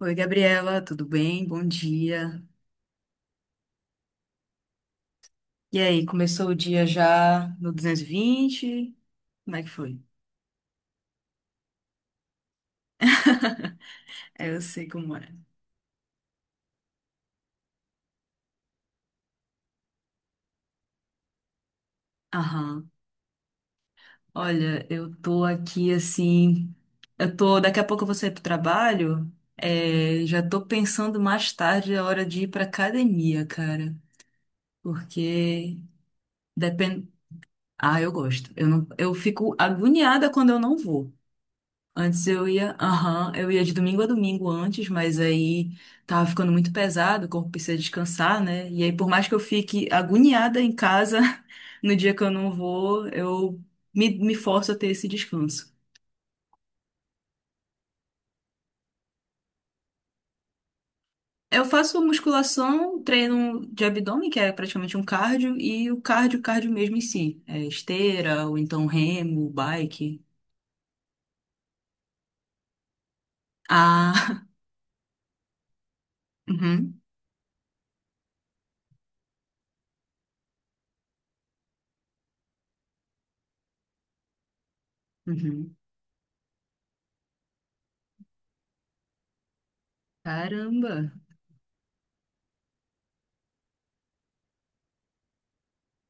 Oi, Gabriela, tudo bem? Bom dia. E aí, começou o dia já no 220. Como é que foi? É, eu sei como é. Aham. Olha, eu tô aqui assim. Eu tô. Daqui a pouco eu vou sair pro trabalho. É, já tô pensando mais tarde a hora de ir pra academia, cara. Porque depende. Ah, eu gosto. Eu não... eu fico agoniada quando eu não vou. Antes eu ia, aham, eu ia de domingo a domingo antes, mas aí tava ficando muito pesado, o corpo precisa descansar, né? E aí, por mais que eu fique agoniada em casa no dia que eu não vou, eu me forço a ter esse descanso. Eu faço musculação, treino de abdômen, que é praticamente um cardio, e o cardio mesmo em si. É esteira, ou então remo, bike. Ah, uhum, uhum. Caramba.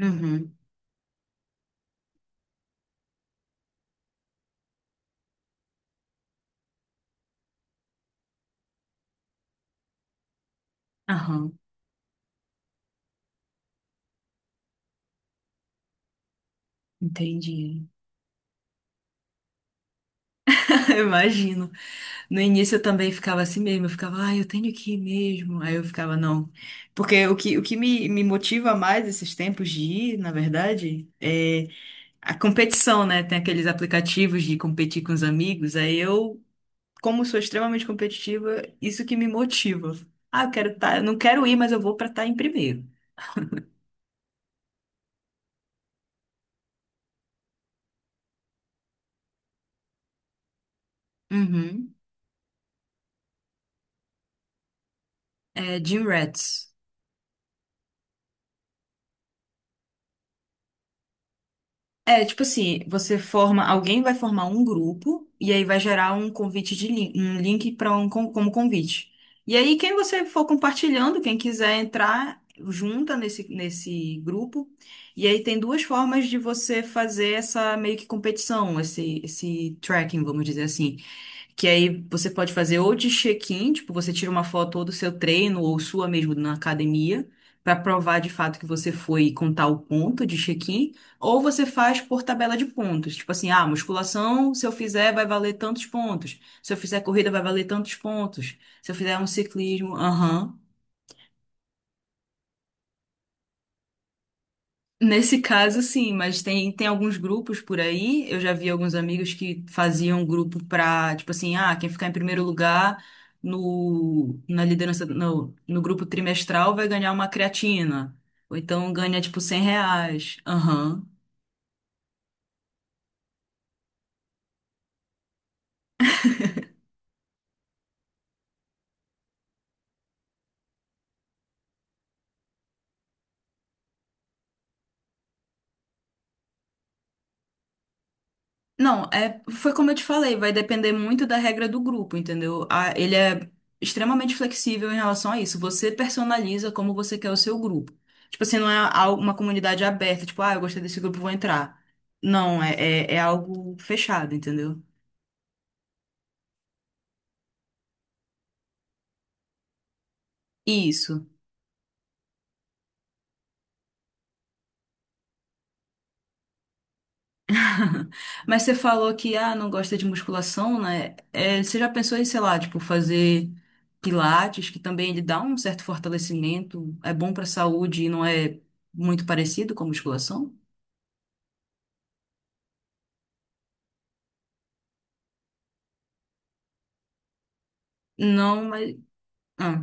Uhum, aham, entendi. Imagino. No início eu também ficava assim mesmo, eu ficava, ah, eu tenho que ir mesmo. Aí eu ficava, não. Porque o que me motiva mais esses tempos de ir, na verdade, é a competição, né? Tem aqueles aplicativos de competir com os amigos. Aí eu, como sou extremamente competitiva, isso que me motiva. Ah, eu quero estar, eu não quero ir, mas eu vou pra estar em primeiro. Uhum. É Gym Rats. É, tipo assim, você forma, alguém vai formar um grupo e aí vai gerar um convite de link, um link para um con- como convite. E aí quem você for compartilhando, quem quiser entrar, junta nesse grupo. E aí tem duas formas de você fazer essa meio que competição, esse tracking, vamos dizer assim. Que aí você pode fazer ou de check-in, tipo, você tira uma foto ou do seu treino ou sua mesmo na academia, para provar de fato que você foi e contar o ponto de check-in, ou você faz por tabela de pontos. Tipo assim, ah, musculação, se eu fizer, vai valer tantos pontos. Se eu fizer corrida, vai valer tantos pontos. Se eu fizer um ciclismo, aham. Nesse caso, sim, mas tem alguns grupos por aí. Eu já vi alguns amigos que faziam grupo pra, tipo assim, ah, quem ficar em primeiro lugar no, na liderança, no grupo trimestral vai ganhar uma creatina. Ou então ganha, tipo, R$ 100. Aham. Não, é, foi como eu te falei, vai depender muito da regra do grupo, entendeu? A- ele é extremamente flexível em relação a isso. Você personaliza como você quer o seu grupo. Tipo assim, não é al- uma comunidade aberta, tipo, ah, eu gostei desse grupo, vou entrar. Não, é algo fechado, entendeu? Isso. Mas você falou que, ah, não gosta de musculação, né? É, você já pensou em, sei lá, tipo, fazer pilates, que também ele dá um certo fortalecimento, é bom pra saúde e não é muito parecido com a musculação? Não, mas. Ah.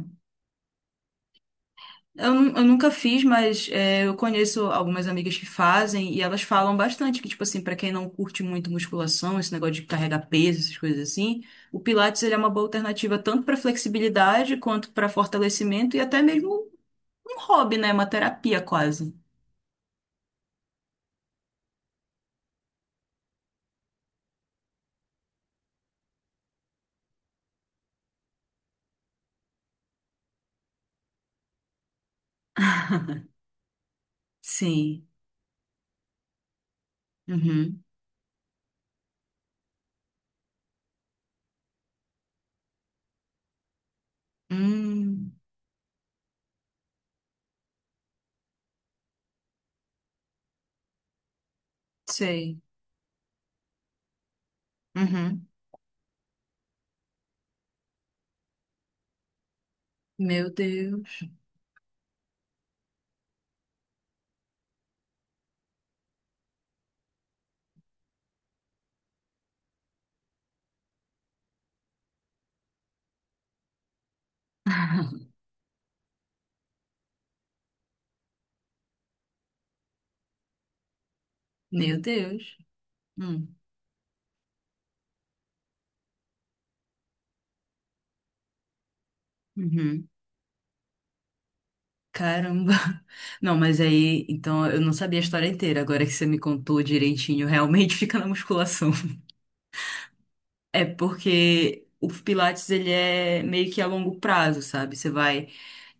Eu nunca fiz, mas é, eu conheço algumas amigas que fazem e elas falam bastante que, tipo assim, pra quem não curte muito musculação, esse negócio de carregar peso, essas coisas assim, o Pilates ele é uma boa alternativa tanto pra flexibilidade quanto pra fortalecimento e até mesmo um hobby, né? Uma terapia quase. Sim. Uhum. Hum, sei. Uhum. Meu Deus. Meu Deus. Hum. Uhum. Caramba. Não, mas aí, então eu não sabia a história inteira. Agora que você me contou direitinho, realmente fica na musculação. É porque o Pilates ele é meio que a longo prazo, sabe? Você vai,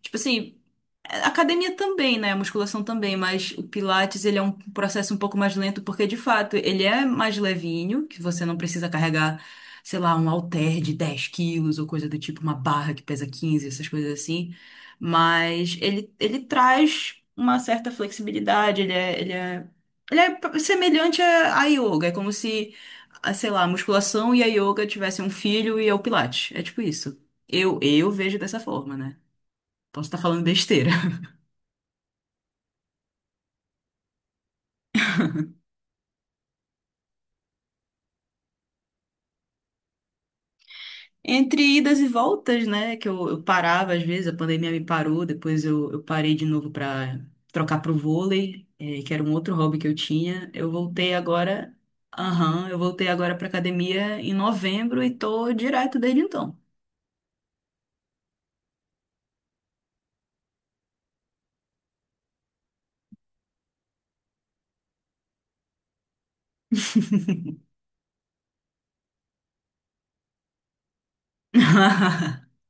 tipo assim, a academia também, né? A musculação também, mas o Pilates ele é um processo um pouco mais lento porque de fato ele é mais levinho, que você não precisa carregar, sei lá, um halter de 10 quilos ou coisa do tipo, uma barra que pesa 15, essas coisas assim. Mas ele traz uma certa flexibilidade, ele é semelhante à yoga, é como se, ah, sei lá, a musculação e a yoga tivessem um filho e é o Pilates. É tipo isso. Eu vejo dessa forma, né? Posso estar falando besteira. Entre idas e voltas, né? Que eu parava às vezes, a pandemia me parou, depois eu parei de novo para trocar pro vôlei, eh, que era um outro hobby que eu tinha. Eu voltei agora, aham, eu voltei agora para academia em novembro e tô direto desde então.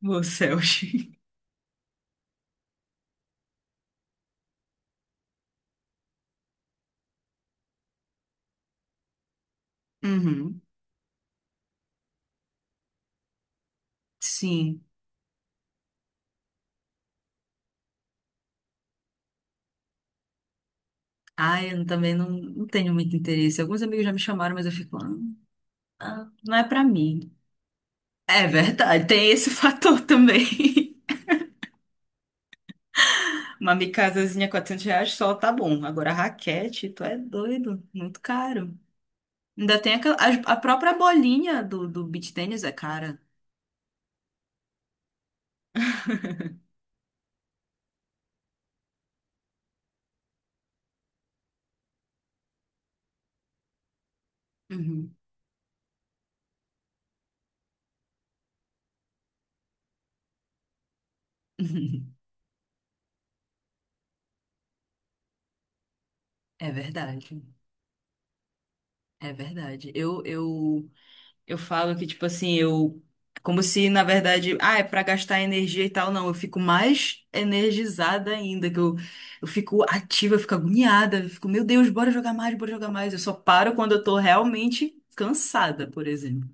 Meu céus. Uhum, sim. Ah, eu também não, não tenho muito interesse. Alguns amigos já me chamaram, mas eu fico, ah, ah, não é pra mim. É verdade, tem esse fator também. Uma micasazinha R$ 400 só tá bom. Agora, raquete, tu é doido. Muito caro. Ainda tem aquela, a própria bolinha do beach tennis é cara. Uhum. É verdade. É verdade. Eu falo que, tipo assim, eu. Como se, na verdade, ah, é pra gastar energia e tal. Não, eu fico mais energizada ainda, que eu fico ativa, eu fico agoniada, eu fico, meu Deus, bora jogar mais, bora jogar mais. Eu só paro quando eu tô realmente cansada, por exemplo.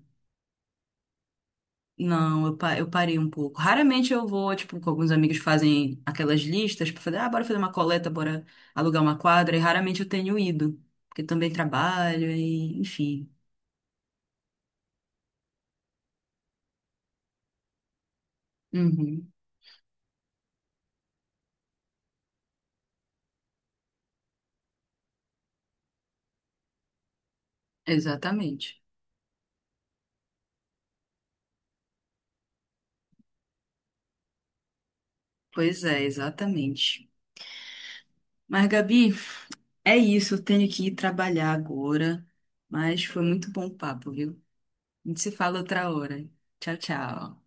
Não, eu parei um pouco. Raramente eu vou, tipo, com alguns amigos que fazem aquelas listas para fazer, ah, bora fazer uma coleta, bora alugar uma quadra, e raramente eu tenho ido, porque também trabalho e, enfim. Uhum, exatamente. Pois é, exatamente. Mas, Gabi, é isso, eu tenho que ir trabalhar agora, mas foi muito bom o papo, viu? A gente se fala outra hora. Tchau, tchau.